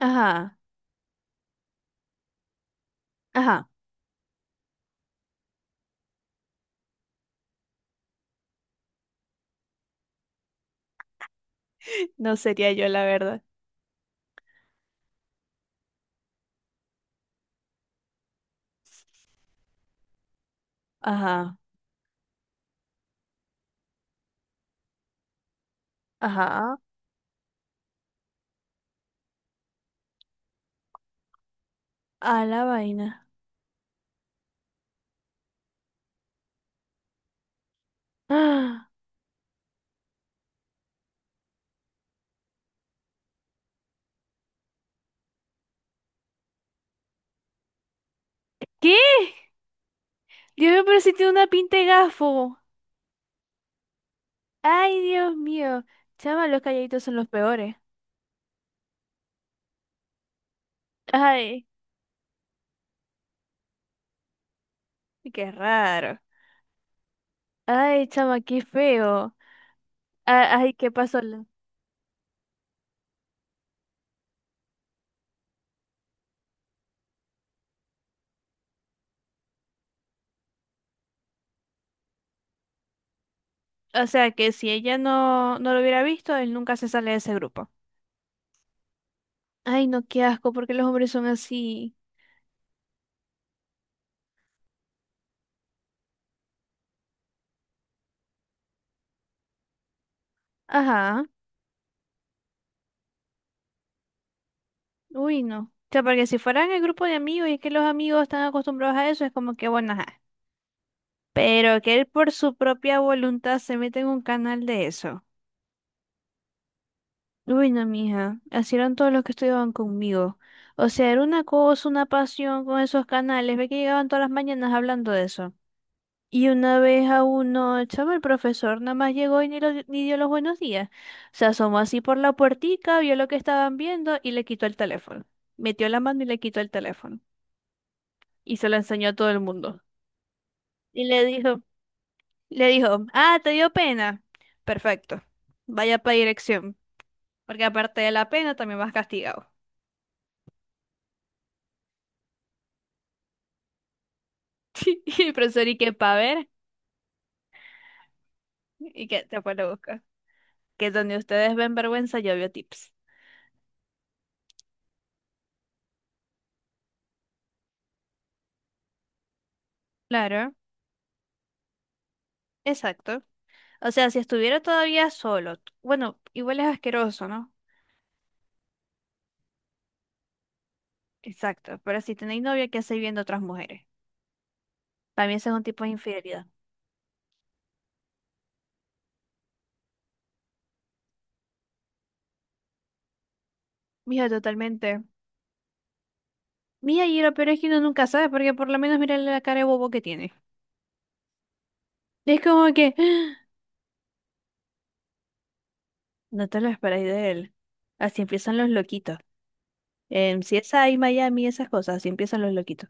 Ajá, ajá. No sería yo, la verdad. Ajá, ajá. A la vaina. ¡Ah! ¿Qué? Dios mío, pero si tiene una pinta de gafo. Ay, Dios mío. Chama, los calladitos son los peores. Ay, qué raro. Ay, chama, qué feo. Ay, ¿qué pasó? O sea, que si ella no, no lo hubiera visto, él nunca se sale de ese grupo. Ay, no, qué asco, porque los hombres son así. Ajá. Uy, no. O sea, porque si fueran el grupo de amigos y es que los amigos están acostumbrados a eso, es como que bueno, ajá. Pero que él por su propia voluntad se meta en un canal de eso. Uy, no, mija. Así eran todos los que estudiaban conmigo. O sea, era una cosa, una pasión con esos canales. Ve que llegaban todas las mañanas hablando de eso. Y una vez a uno, chamo, el profesor nada más llegó y ni, ni dio los buenos días. Se asomó así por la puertica, vio lo que estaban viendo y le quitó el teléfono. Metió la mano y le quitó el teléfono. Y se la enseñó a todo el mundo. Y le dijo, ah, ¿te dio pena? Perfecto, vaya para dirección, porque aparte de la pena también vas castigado. Y el profesor, ¿y qué pa' ver? ¿Y que te fue a buscar? Que donde ustedes ven vergüenza, yo veo tips. Claro, exacto. O sea, si estuviera todavía solo, bueno, igual es asqueroso, ¿no? Exacto, pero si tenéis novia, ¿qué hacéis viendo otras mujeres? También ese es un tipo de infidelidad. Mija, totalmente. Mija, y lo peor es que uno nunca sabe, porque por lo menos mira la cara de bobo que tiene. Es como que ¡ah! No te lo esperáis de él. Así empiezan los loquitos. En CSI Miami, esas cosas, así empiezan los loquitos.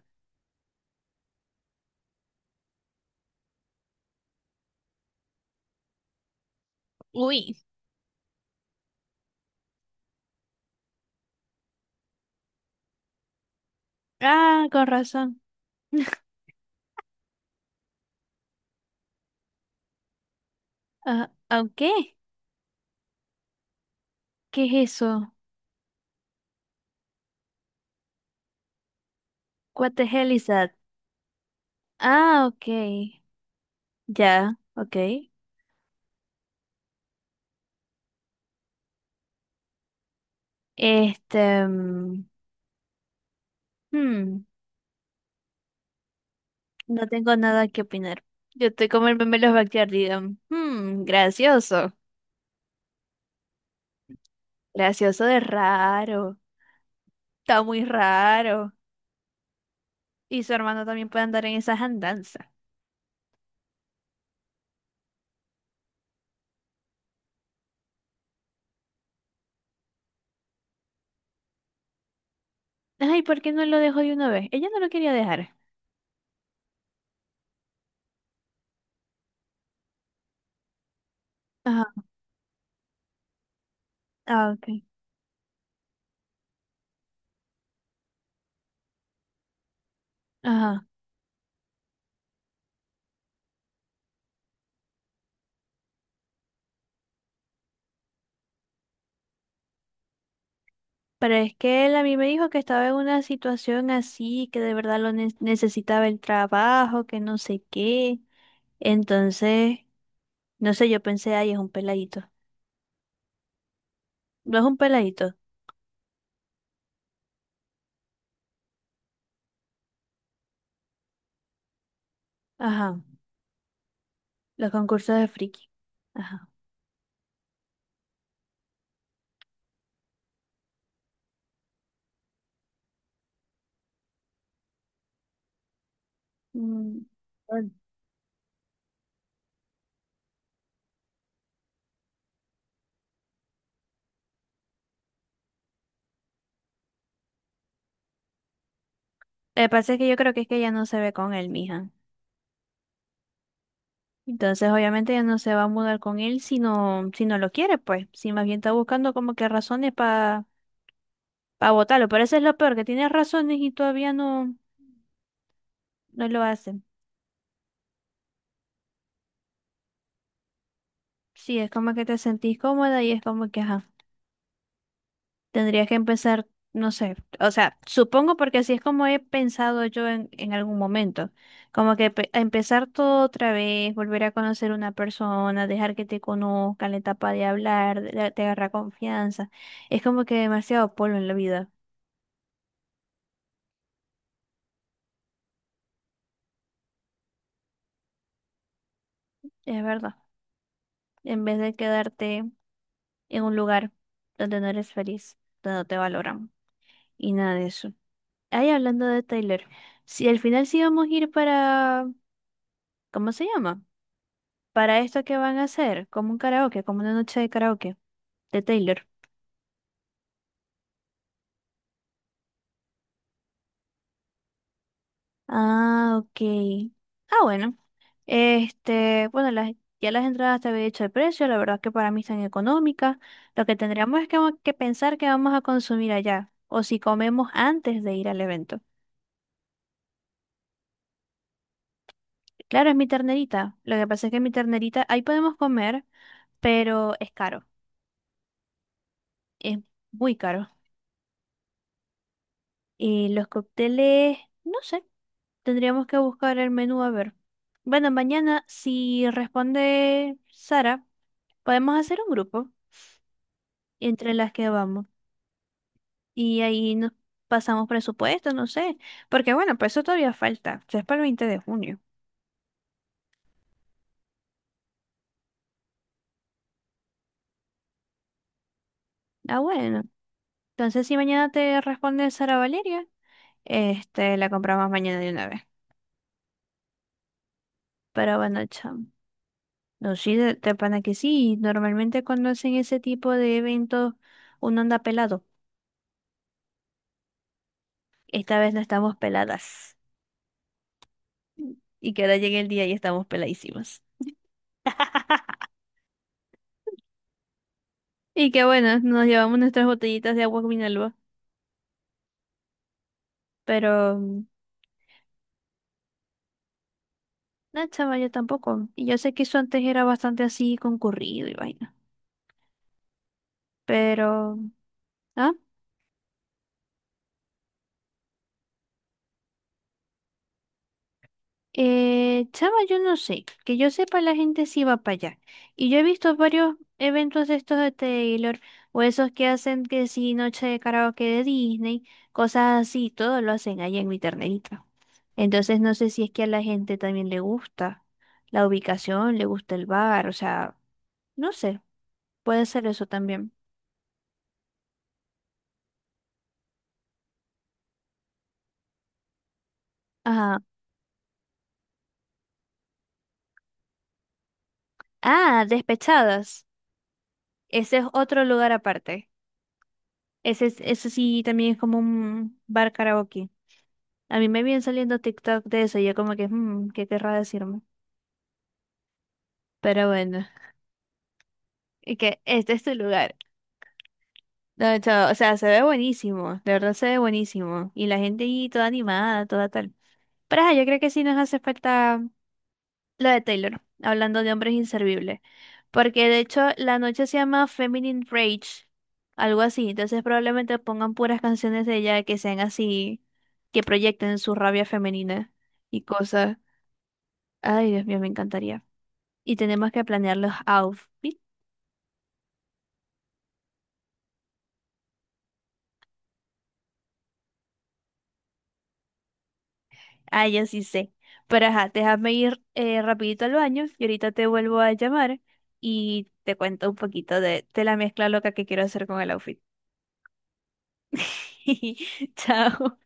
Uy. Ah, con razón. Ah, ok. ¿Qué es eso? What the hell is that? Ah, ok. Ya, ok. Este, hmm, no tengo nada que opinar. Yo estoy como el meme de los Backyard, digan, hmm, gracioso. Gracioso de raro. Está muy raro. Y su hermano también puede andar en esas andanzas. Ay, ¿por qué no lo dejó de una vez? Ella no lo quería dejar. Ajá. Ah, ok. Ajá. Pero es que él a mí me dijo que estaba en una situación así, que de verdad lo necesitaba el trabajo, que no sé qué. Entonces, no sé, yo pensé, ay, es un peladito. No es un peladito. Ajá. Los concursos de friki. Ajá. Mm. Bueno. Lo que pasa es que yo creo que es que ella no se ve con él, mija. Entonces, obviamente, ya no se va a mudar con él si no lo quiere, pues. Si más bien está buscando como que razones para votarlo. Pero eso es lo peor, que tienes razones y todavía no, no lo hacen. Sí, es como que te sentís cómoda y es como que, ajá, tendrías que empezar, no sé. O sea, supongo porque así es como he pensado yo en algún momento. Como que empezar todo otra vez, volver a conocer una persona, dejar que te conozca, la etapa de hablar, te agarra confianza. Es como que demasiado polvo en la vida. Es verdad. En vez de quedarte en un lugar donde no eres feliz, donde no te valoran y nada de eso. Ahí hablando de Taylor, si al final sí vamos a ir para, ¿cómo se llama? Para esto que van a hacer, como un karaoke, como una noche de karaoke de Taylor. Ah, ok. Ah, bueno. Este, bueno, ya las entradas te había dicho el precio, la verdad que para mí están económicas. Lo que tendríamos es que pensar que vamos a consumir allá, o si comemos antes de ir al evento. Claro, es mi ternerita. Lo que pasa es que mi ternerita, ahí podemos comer, pero es caro. Es muy caro. Y los cócteles, no sé, tendríamos que buscar el menú a ver. Bueno, mañana, si responde Sara, podemos hacer un grupo entre las que vamos. Y ahí nos pasamos presupuesto, no sé. Porque bueno, pues eso todavía falta. Eso es para el 20 de junio. Ah, bueno. Entonces, si mañana te responde Sara Valeria, este, la compramos mañana de una vez. Pero bueno, chao. No, sí, de pana que sí. Normalmente cuando hacen ese tipo de eventos, uno anda pelado. Esta vez no estamos peladas. Y que ahora llegue el día y estamos peladísimas. Y que bueno, nos llevamos nuestras botellitas de agua Minalba. Pero, no, chava, yo tampoco. Y yo sé que eso antes era bastante así concurrido y vaina. Pero, ¿ah? Chama, yo no sé, que yo sepa la gente sí va para allá. Y yo he visto varios eventos de estos de Taylor, o esos que hacen que sí, noche de karaoke de Disney, cosas así, todo lo hacen allá en mi ternerita. Entonces no sé si es que a la gente también le gusta la ubicación, le gusta el bar, o sea, no sé, puede ser eso también. Ajá. Ah, Despechadas. Ese es otro lugar aparte. Ese sí también es como un bar karaoke. A mí me viene saliendo TikTok de eso, y yo como que, "Mm, ¿qué querrá decirme?" Pero bueno, y que este es tu lugar. No, chao, o sea, se ve buenísimo, de verdad se ve buenísimo. Y la gente ahí toda animada, toda tal. Pero ajá, yo creo que sí nos hace falta lo de Taylor, hablando de hombres inservibles. Porque de hecho la noche se llama Feminine Rage, algo así. Entonces probablemente pongan puras canciones de ella que sean así, que proyecten su rabia femenina y cosas. Ay, Dios mío, me encantaría. Y tenemos que planear los outfits. Ah, ya sí sé. Pero ajá, déjame ir rapidito al baño y ahorita te vuelvo a llamar y te cuento un poquito de la mezcla loca que quiero hacer con el outfit. Chao.